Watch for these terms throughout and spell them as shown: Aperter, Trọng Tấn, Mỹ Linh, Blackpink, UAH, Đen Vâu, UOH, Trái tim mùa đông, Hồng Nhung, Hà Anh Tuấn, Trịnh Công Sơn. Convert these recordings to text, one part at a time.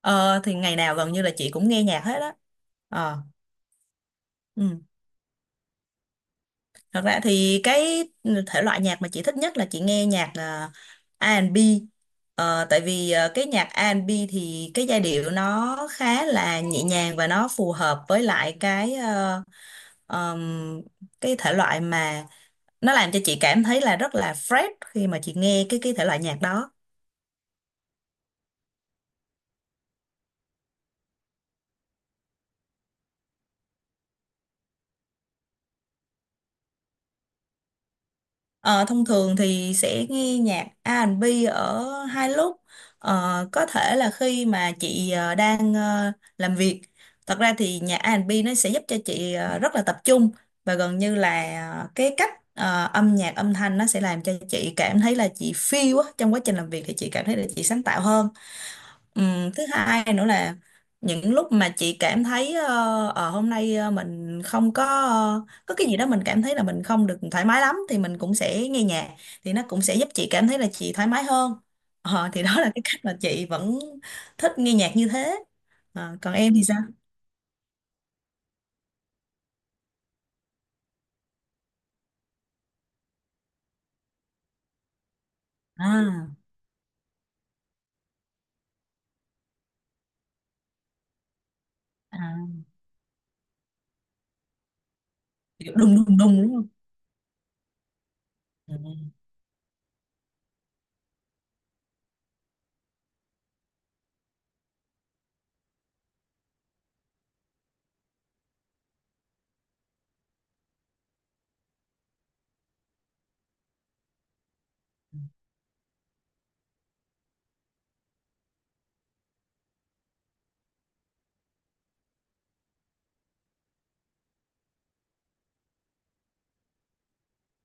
Ờ, thì ngày nào gần như là chị cũng nghe nhạc hết á. ờ ừ. Thật ra thì cái thể loại nhạc mà chị thích nhất là chị nghe nhạc là R&B. Tại vì cái nhạc R&B thì cái giai điệu nó khá là nhẹ nhàng và nó phù hợp với lại ờm, cái thể loại mà nó làm cho chị cảm thấy là rất là fresh khi mà chị nghe cái thể loại nhạc đó. Ờ, Thông thường thì sẽ nghe nhạc R&B ở hai lúc. Có thể là khi mà chị đang làm việc. Thật ra thì nhạc R&B nó sẽ giúp cho chị rất là tập trung, và gần như là cái cách âm nhạc âm thanh nó sẽ làm cho chị cảm thấy là chị feel á, trong quá trình làm việc thì chị cảm thấy là chị sáng tạo hơn. Ừ, thứ hai nữa là những lúc mà chị cảm thấy hôm nay mình không có cái gì đó mình cảm thấy là mình không được thoải mái lắm, thì mình cũng sẽ nghe nhạc, thì nó cũng sẽ giúp chị cảm thấy là chị thoải mái hơn. Thì đó là cái cách mà chị vẫn thích nghe nhạc như thế. Còn em thì sao? à, à Kiểu đùng đùng đùng, đúng không? Ừ.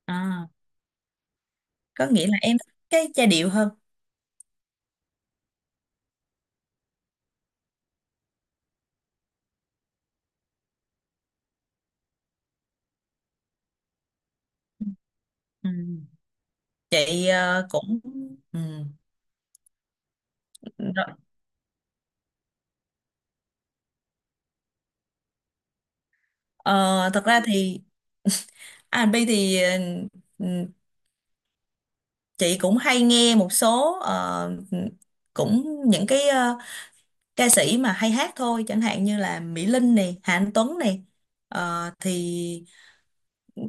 à có nghĩa là em thích cái giai điệu hơn. Ừ. Chị cũng. Ừ. Rồi. Ờ, Thật ra thì Bi thì chị cũng hay nghe một số, ừ, cũng những cái ca sĩ mà hay hát thôi, chẳng hạn như là Mỹ Linh này, Hà Anh Tuấn này. Thì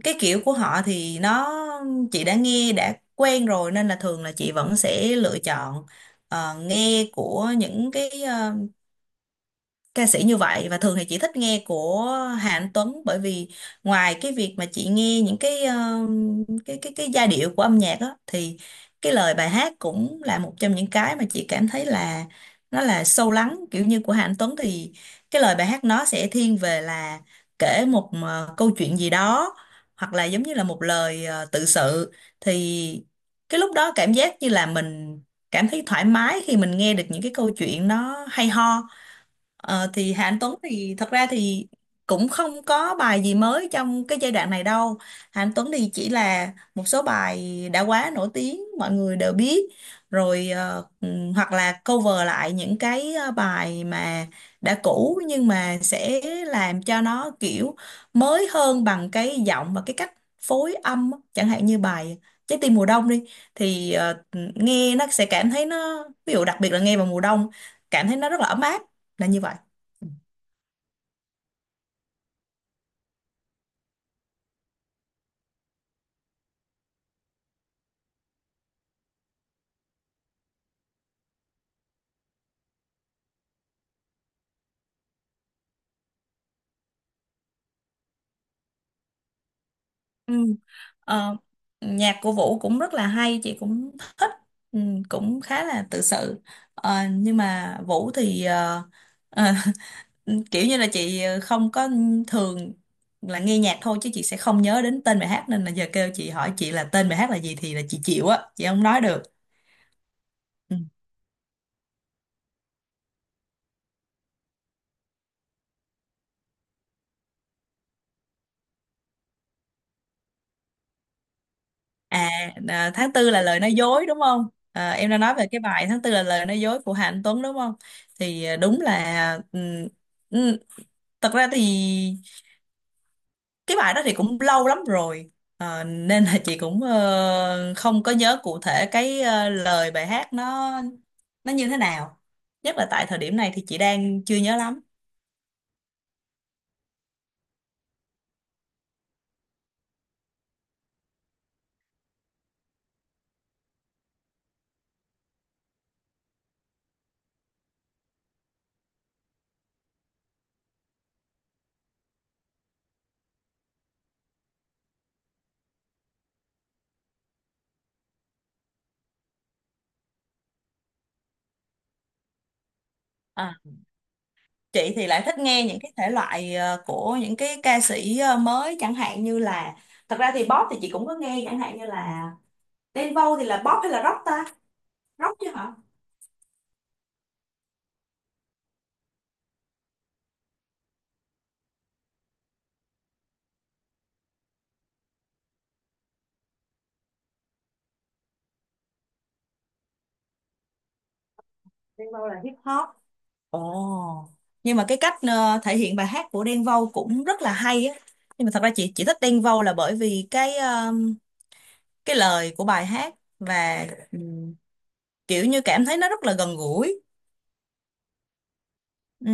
cái kiểu của họ thì nó, chị đã nghe đã quen rồi, nên là thường là chị vẫn sẽ lựa chọn nghe của những cái ca sĩ như vậy, và thường thì chị thích nghe của Hà Anh Tuấn, bởi vì ngoài cái việc mà chị nghe những cái ờ, cái giai điệu của âm nhạc đó, thì cái lời bài hát cũng là một trong những cái mà chị cảm thấy là nó là sâu lắng. Kiểu như của Hà Anh Tuấn thì cái lời bài hát nó sẽ thiên về là kể một câu chuyện gì đó, hoặc là giống như là một lời tự sự, thì cái lúc đó cảm giác như là mình cảm thấy thoải mái khi mình nghe được những cái câu chuyện nó hay ho. Thì Hà Anh Tuấn thì thật ra thì cũng không có bài gì mới trong cái giai đoạn này đâu. Hà Anh Tuấn thì chỉ là một số bài đã quá nổi tiếng, mọi người đều biết. Rồi hoặc là cover lại những cái bài mà đã cũ, nhưng mà sẽ làm cho nó kiểu mới hơn bằng cái giọng và cái cách phối âm á. Chẳng hạn như bài Trái tim mùa đông đi, thì nghe nó sẽ cảm thấy nó, ví dụ đặc biệt là nghe vào mùa đông, cảm thấy nó rất là ấm áp, là như vậy. Ừ. Ờ, Nhạc của Vũ cũng rất là hay, chị cũng thích, ừ, cũng khá là tự sự. Nhưng mà Vũ thì ờ, kiểu như là chị không có, thường là nghe nhạc thôi chứ chị sẽ không nhớ đến tên bài hát, nên là giờ kêu chị hỏi chị là tên bài hát là gì thì là chị chịu á, chị không nói được. Ừ. à Tháng tư là lời nói dối, đúng không? Em đã nói về cái bài Tháng tư là lời nói dối của Hà Anh Tuấn đúng không? Thì đúng là, ừ, thật ra thì cái bài đó thì cũng lâu lắm rồi. Nên là chị cũng không có nhớ cụ thể cái lời bài hát nó như thế nào, nhất là tại thời điểm này thì chị đang chưa nhớ lắm. À, chị thì lại thích nghe những cái thể loại của những cái ca sĩ mới, chẳng hạn như là, thật ra thì pop thì chị cũng có nghe, chẳng hạn như là Đen Vâu thì là pop hay là rock ta, rock chứ hả? Đen Vâu là hip hop. Ồ. Nhưng mà cái cách thể hiện bài hát của Đen Vâu cũng rất là hay á. Nhưng mà thật ra chị chỉ thích Đen Vâu là bởi vì cái lời của bài hát, và ừ, kiểu như cảm thấy nó rất là gần gũi. Ừ.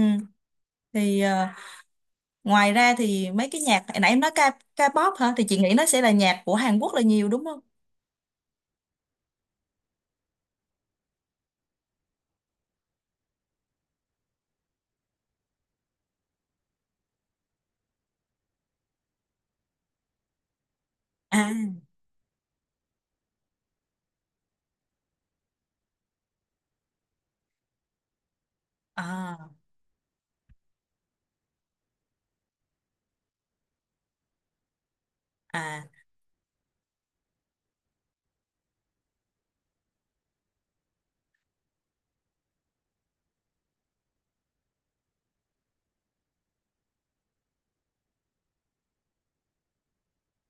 Thì ngoài ra thì mấy cái nhạc hồi nãy em nói, ca K-pop hả? Thì chị nghĩ nó sẽ là nhạc của Hàn Quốc là nhiều đúng không? À, à, à.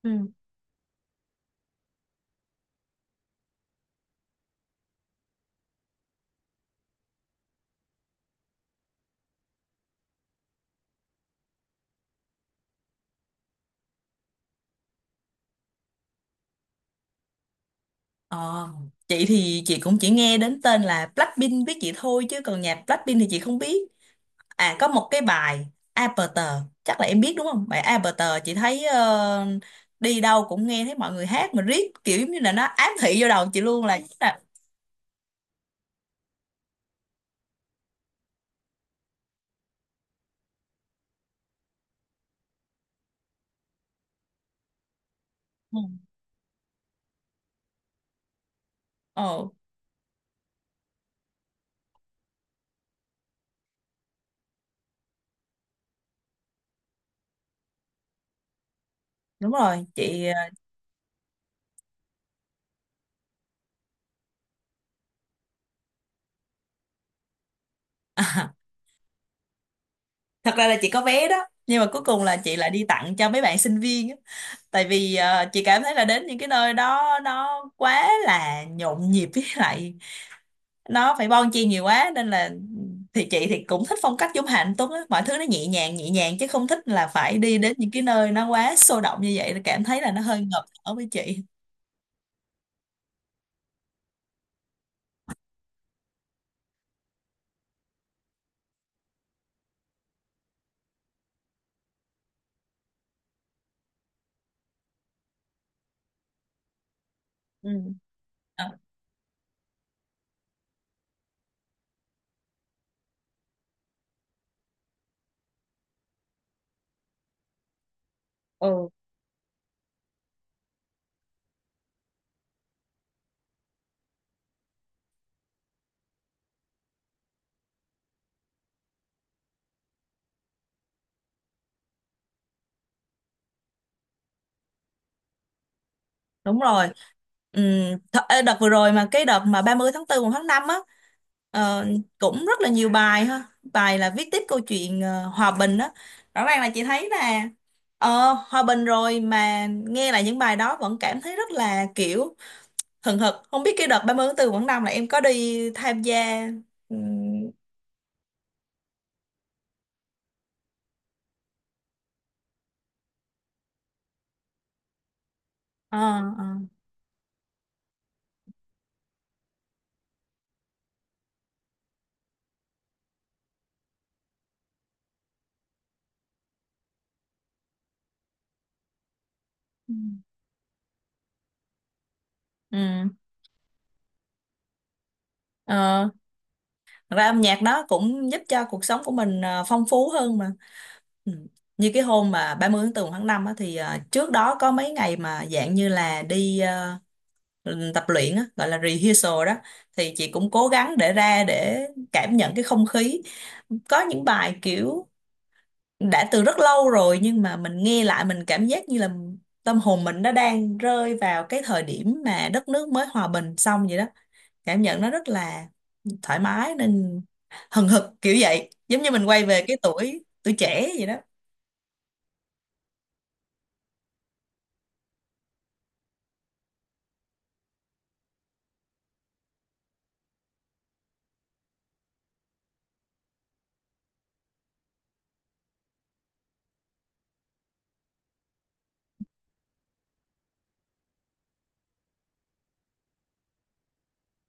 Ừ. Ờ, chị thì chị cũng chỉ nghe đến tên là Blackpink biết chị thôi, chứ còn nhạc Blackpink thì chị không biết. Có một cái bài Aperter, chắc là em biết đúng không? Bài Aperter chị thấy đi đâu cũng nghe thấy mọi người hát, mà riết kiểu giống như là nó ám thị vô đầu chị luôn, là chính là ừ, ờ, đúng rồi chị à. Thật ra là chị có vé đó, nhưng mà cuối cùng là chị lại đi tặng cho mấy bạn sinh viên á. Tại vì chị cảm thấy là đến những cái nơi đó nó quá là nhộn nhịp, với lại nó phải bon chen nhiều quá, nên là thì chị thì cũng thích phong cách giống Hà Anh Tuấn á, mọi thứ nó nhẹ nhàng nhẹ nhàng, chứ không thích là phải đi đến những cái nơi nó quá sôi động như vậy, cảm thấy là nó hơi ngợp ở với chị. Ừ. Ờ, ừ, đúng rồi. ừ, Đợt vừa rồi, mà cái đợt mà 30 tháng 4, 1 tháng 5 á, ờ, cũng rất là nhiều bài ha, bài là viết tiếp câu chuyện hòa bình á, rõ ràng là chị thấy là hòa bình rồi mà nghe lại những bài đó vẫn cảm thấy rất là kiểu hừng hực. Không biết cái đợt 30 tháng 4 Quảng Đông là em có đi tham gia? Ừ, ờ ờ. Ừ. Ừ. ờ, Thật ra âm nhạc nó cũng giúp cho cuộc sống của mình phong phú hơn mà. Ừ. Như cái hôm mà 30 tháng 4 tháng 5 á, thì trước đó có mấy ngày mà dạng như là đi tập luyện á, gọi là rehearsal đó, thì chị cũng cố gắng để ra để cảm nhận cái không khí. Có những bài kiểu đã từ rất lâu rồi nhưng mà mình nghe lại, mình cảm giác như là tâm hồn mình nó đang rơi vào cái thời điểm mà đất nước mới hòa bình xong vậy đó. Cảm nhận nó rất là thoải mái, nên hừng hực kiểu vậy, giống như mình quay về cái tuổi tuổi trẻ vậy đó.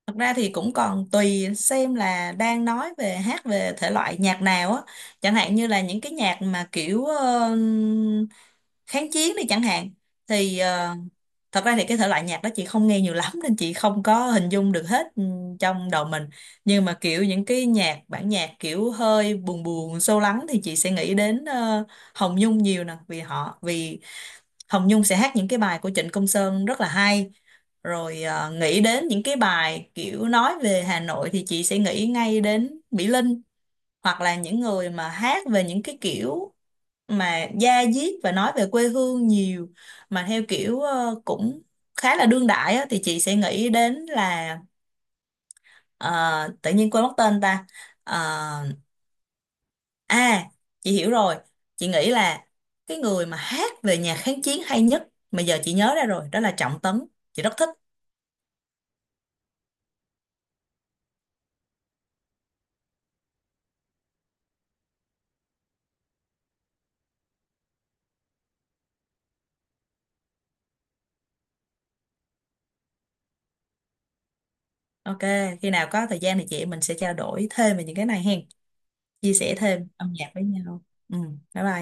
Thật ra thì cũng còn tùy xem là đang nói về hát, về thể loại nhạc nào á. Chẳng hạn như là những cái nhạc mà kiểu kháng chiến đi chẳng hạn. Thì thật ra thì cái thể loại nhạc đó chị không nghe nhiều lắm, nên chị không có hình dung được hết trong đầu mình. Nhưng mà kiểu những cái nhạc, bản nhạc kiểu hơi buồn buồn, sâu lắng, thì chị sẽ nghĩ đến Hồng Nhung nhiều nè. Vì Hồng Nhung sẽ hát những cái bài của Trịnh Công Sơn rất là hay. Rồi nghĩ đến những cái bài kiểu nói về Hà Nội thì chị sẽ nghĩ ngay đến Mỹ Linh, hoặc là những người mà hát về những cái kiểu mà da diết và nói về quê hương nhiều, mà theo kiểu cũng khá là đương đại á, thì chị sẽ nghĩ đến là, ờ, tự nhiên quên mất tên ta. Ờ, À, chị hiểu rồi. Chị nghĩ là cái người mà hát về nhạc kháng chiến hay nhất mà giờ chị nhớ ra rồi, đó là Trọng Tấn. Chị rất thích. Ok, khi nào có thời gian thì chị em mình sẽ trao đổi thêm về những cái này hen. Chia sẻ thêm âm nhạc với nhau. Ừ, bye bye.